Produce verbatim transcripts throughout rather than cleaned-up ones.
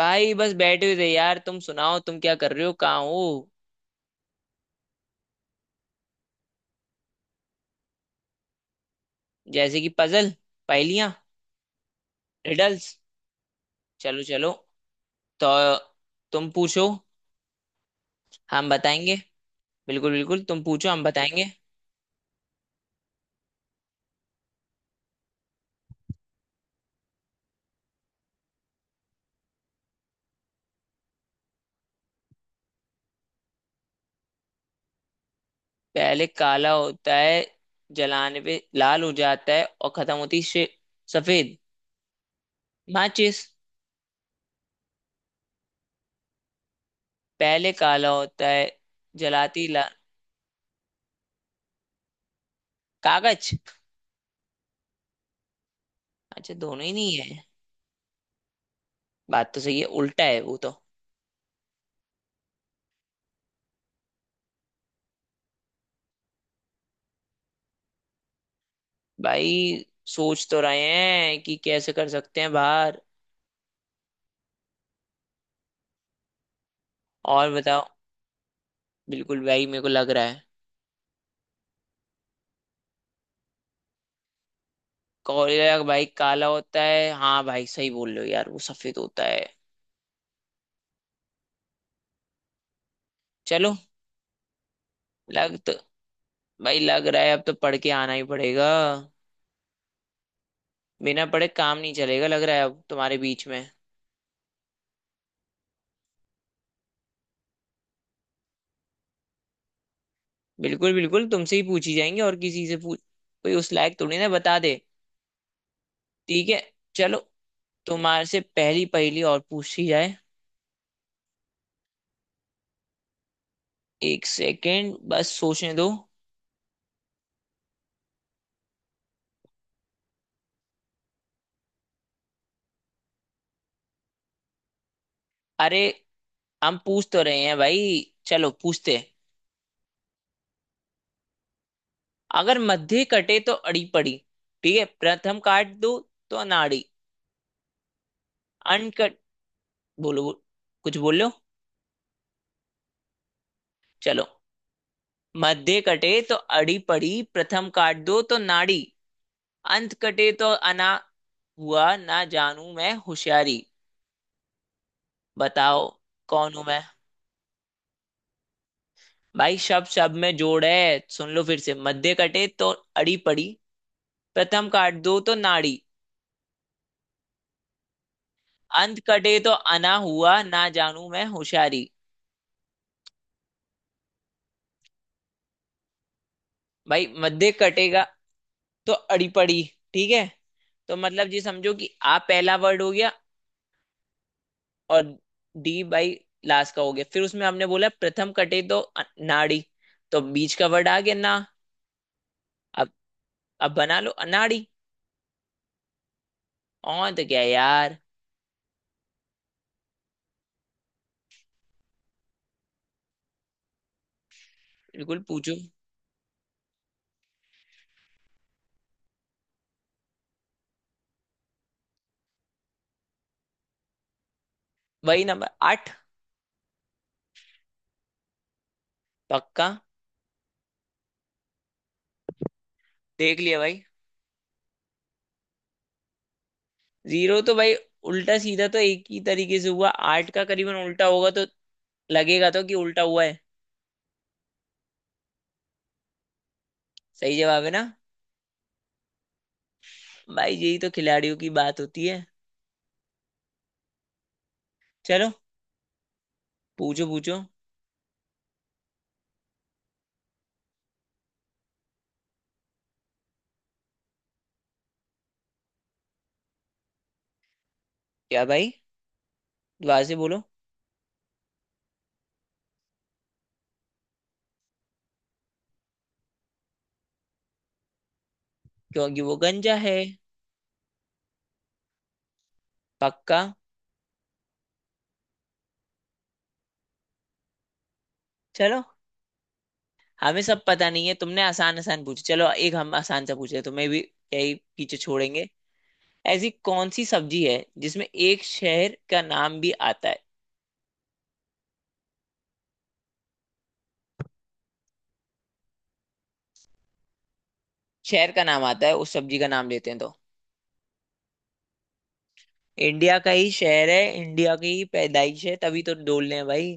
भाई बस बैठे हुए थे यार। तुम सुनाओ, तुम क्या कर रहे हो, कहाँ हो? जैसे कि पजल, पहेलियां, रिडल्स। चलो चलो, तो तुम पूछो, हम बताएंगे। बिल्कुल बिल्कुल, तुम पूछो, हम बताएंगे। पहले काला होता है, जलाने पे लाल हो जाता है और खत्म होती शे- सफेद। माचिस। पहले काला होता है, जलाती ला। कागज। अच्छा, दोनों ही नहीं है। बात तो सही है, उल्टा है वो तो। भाई सोच तो रहे हैं कि कैसे कर सकते हैं बाहर। और बताओ। बिल्कुल भाई, मेरे को लग रहा है। कोरिया का भाई? काला होता है। हाँ भाई, सही बोल रहे हो यार, वो सफेद होता है। चलो। लग तो भाई लग रहा है, अब तो पढ़ के आना ही पड़ेगा। बिना पढ़े काम नहीं चलेगा, लग रहा है अब तुम्हारे बीच में। बिल्कुल बिल्कुल, तुमसे ही पूछी जाएंगी, और किसी से पूछ? कोई उस लायक थोड़ी ना बता दे। ठीक है, चलो, तुम्हारे से पहली पहली और पूछी जाए। एक सेकेंड, बस सोचने दो। अरे, हम पूछ तो रहे हैं भाई। चलो पूछते। अगर मध्य कटे तो अड़ी पड़ी, ठीक है प्रथम काट दो तो अनाड़ी। अनकट। बोलो बोलो- कुछ बोलो। चलो, मध्य कटे तो अड़ी पड़ी, प्रथम काट दो तो नाड़ी, अंत कटे तो अना, हुआ ना जानू मैं होशियारी। बताओ कौन हूं मैं। भाई शब्द शब्द में जोड़ है, सुन लो फिर से। मध्य कटे तो अड़ी पड़ी, प्रथम काट दो तो नाड़ी, अंत कटे तो अना, हुआ ना जानू मैं होशियारी। भाई मध्य कटेगा तो अड़ीपड़ी, ठीक है? तो मतलब ये समझो कि आ पहला वर्ड हो गया, और डी बाई लास्ट का हो गया, फिर उसमें हमने बोला प्रथम कटे तो अ- नाड़ी, तो बीच का वर्ड आ गया ना। अब अब बना लो अनाड़ी। और तो क्या है यार। बिल्कुल, पूछो। वही नंबर, आठ। पक्का। देख लिया भाई। जीरो तो भाई उल्टा सीधा तो एक ही तरीके से हुआ। आठ का करीबन उल्टा होगा तो लगेगा तो कि उल्टा हुआ है। सही जवाब है ना? भाई यही तो खिलाड़ियों की बात होती है। चलो। पूछो पूछो। क्या भाई, वाजी बोलो। क्योंकि वो गंजा है। पक्का। चलो, हमें सब पता नहीं है, तुमने आसान आसान पूछे। चलो एक हम आसान सा पूछे, तुम्हें भी यही पीछे छोड़ेंगे। ऐसी कौन सी सब्जी है जिसमें एक शहर का नाम भी आता है? शहर का नाम आता है, उस सब्जी का नाम लेते हैं तो। इंडिया का ही शहर है, इंडिया की ही पैदाइश है, तभी तो डोल रहे हैं भाई।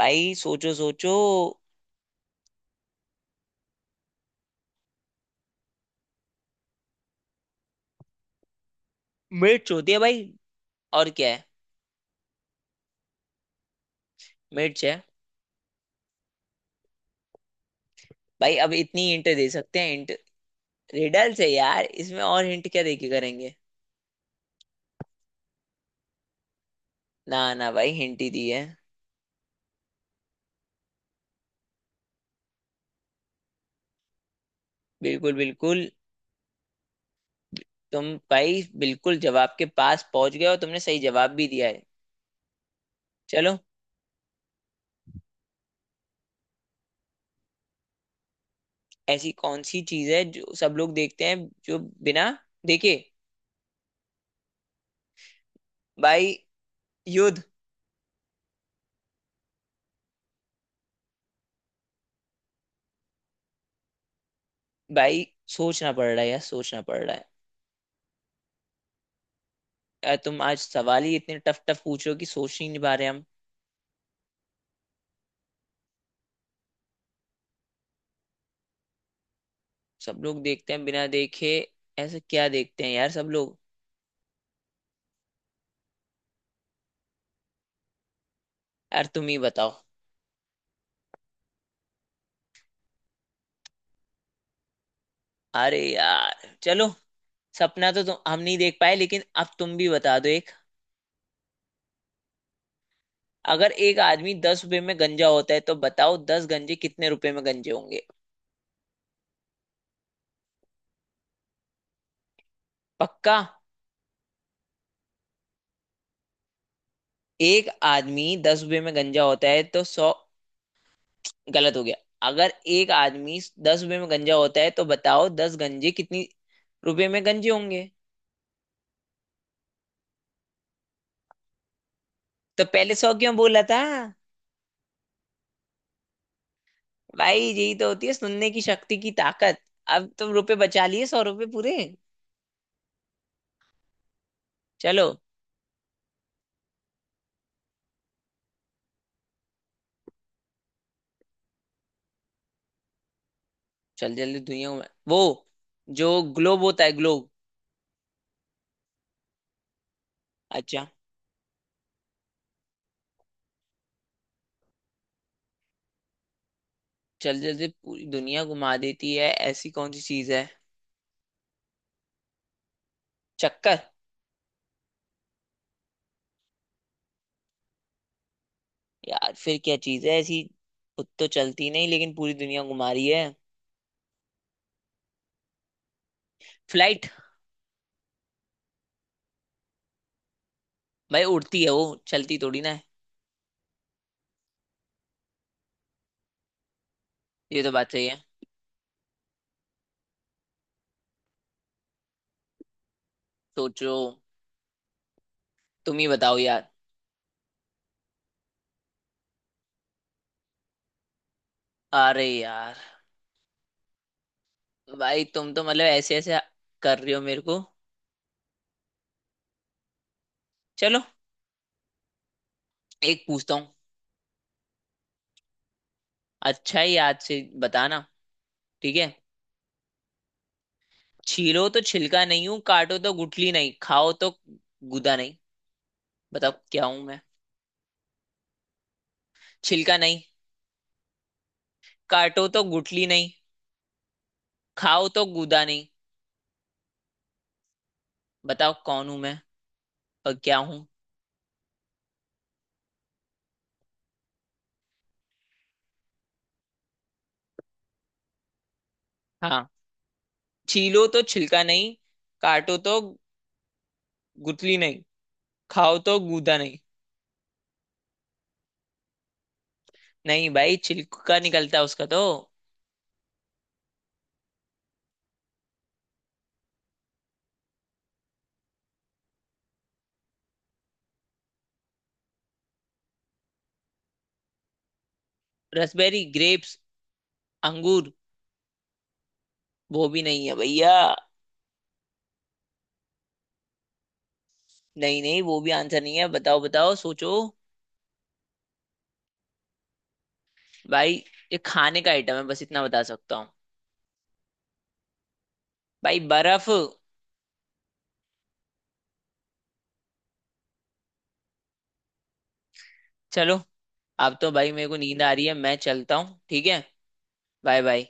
भाई सोचो सोचो। मिर्च होती है भाई, और क्या है? मिर्च है। भाई अब इतनी हिंट दे सकते हैं, हिंट। रिडल्स है यार इसमें, और हिंट क्या देके करेंगे? ना ना भाई, हिंट ही दी है। बिल्कुल बिल्कुल। तुम? भाई बिल्कुल जवाब के पास पहुंच गए, और तुमने सही जवाब भी दिया है। चलो। ऐसी कौन सी चीज है जो सब लोग देखते हैं जो बिना देखे? भाई, युद्ध। भाई सोचना पड़ रहा है यार, सोचना पड़ रहा है। यार तुम आज सवाल ही इतने टफ टफ पूछ रहे हो कि सोच ही नहीं पा रहे हम। सब लोग देखते हैं बिना देखे, ऐसा क्या देखते हैं यार सब लोग। यार तुम ही बताओ। अरे यार चलो। सपना तो तुम, हम नहीं देख पाए, लेकिन अब तुम भी बता दो एक। अगर एक आदमी दस रुपए में गंजा होता है तो बताओ दस गंजे कितने रुपए में गंजे होंगे? पक्का? एक आदमी दस रुपए में गंजा होता है तो सौ? गलत हो गया। अगर एक आदमी दस रुपए में गंजा होता है तो बताओ दस गंजे कितनी रुपए में गंजे होंगे? तो पहले सौ क्यों बोला था? भाई यही तो होती है सुनने की शक्ति की ताकत। अब तुम रुपए बचा लिए, सौ रुपए पूरे। चलो। चल जल्दी, दुनिया में वो जो ग्लोब होता है, ग्लोब। अच्छा। चल जल्दी, पूरी दुनिया घुमा देती है, ऐसी कौन सी चीज है? चक्कर। यार फिर क्या चीज है ऐसी, खुद तो चलती नहीं लेकिन पूरी दुनिया घुमा रही है। फ्लाइट। भाई उड़ती है वो, चलती थोड़ी ना है। ये तो बात सही है। सोचो। तुम ही बताओ यार। अरे यार भाई, तुम तो मतलब ऐसे ऐसे कर रहे हो मेरे को। चलो, एक पूछता हूँ। अच्छा ही याद से बताना, ठीक है? छीलो तो छिलका नहीं हूं, काटो तो गुठली नहीं, खाओ तो गुदा नहीं, बताओ क्या हूं मैं। छिलका नहीं, काटो तो गुठली नहीं, खाओ तो गूदा नहीं। बताओ कौन हूं मैं और क्या हूं। हाँ, छीलो तो छिलका नहीं, काटो तो गुठली नहीं, खाओ तो गूदा नहीं। नहीं भाई, छिलका निकलता है उसका तो। रसबेरी, ग्रेप्स, अंगूर। वो भी नहीं है भैया। नहीं नहीं, वो भी आंसर नहीं है, बताओ बताओ सोचो। भाई ये खाने का आइटम है, बस इतना बता सकता हूँ। भाई, बर्फ। चलो, अब तो भाई मेरे को नींद आ रही है, मैं चलता हूँ, ठीक है? Bye bye.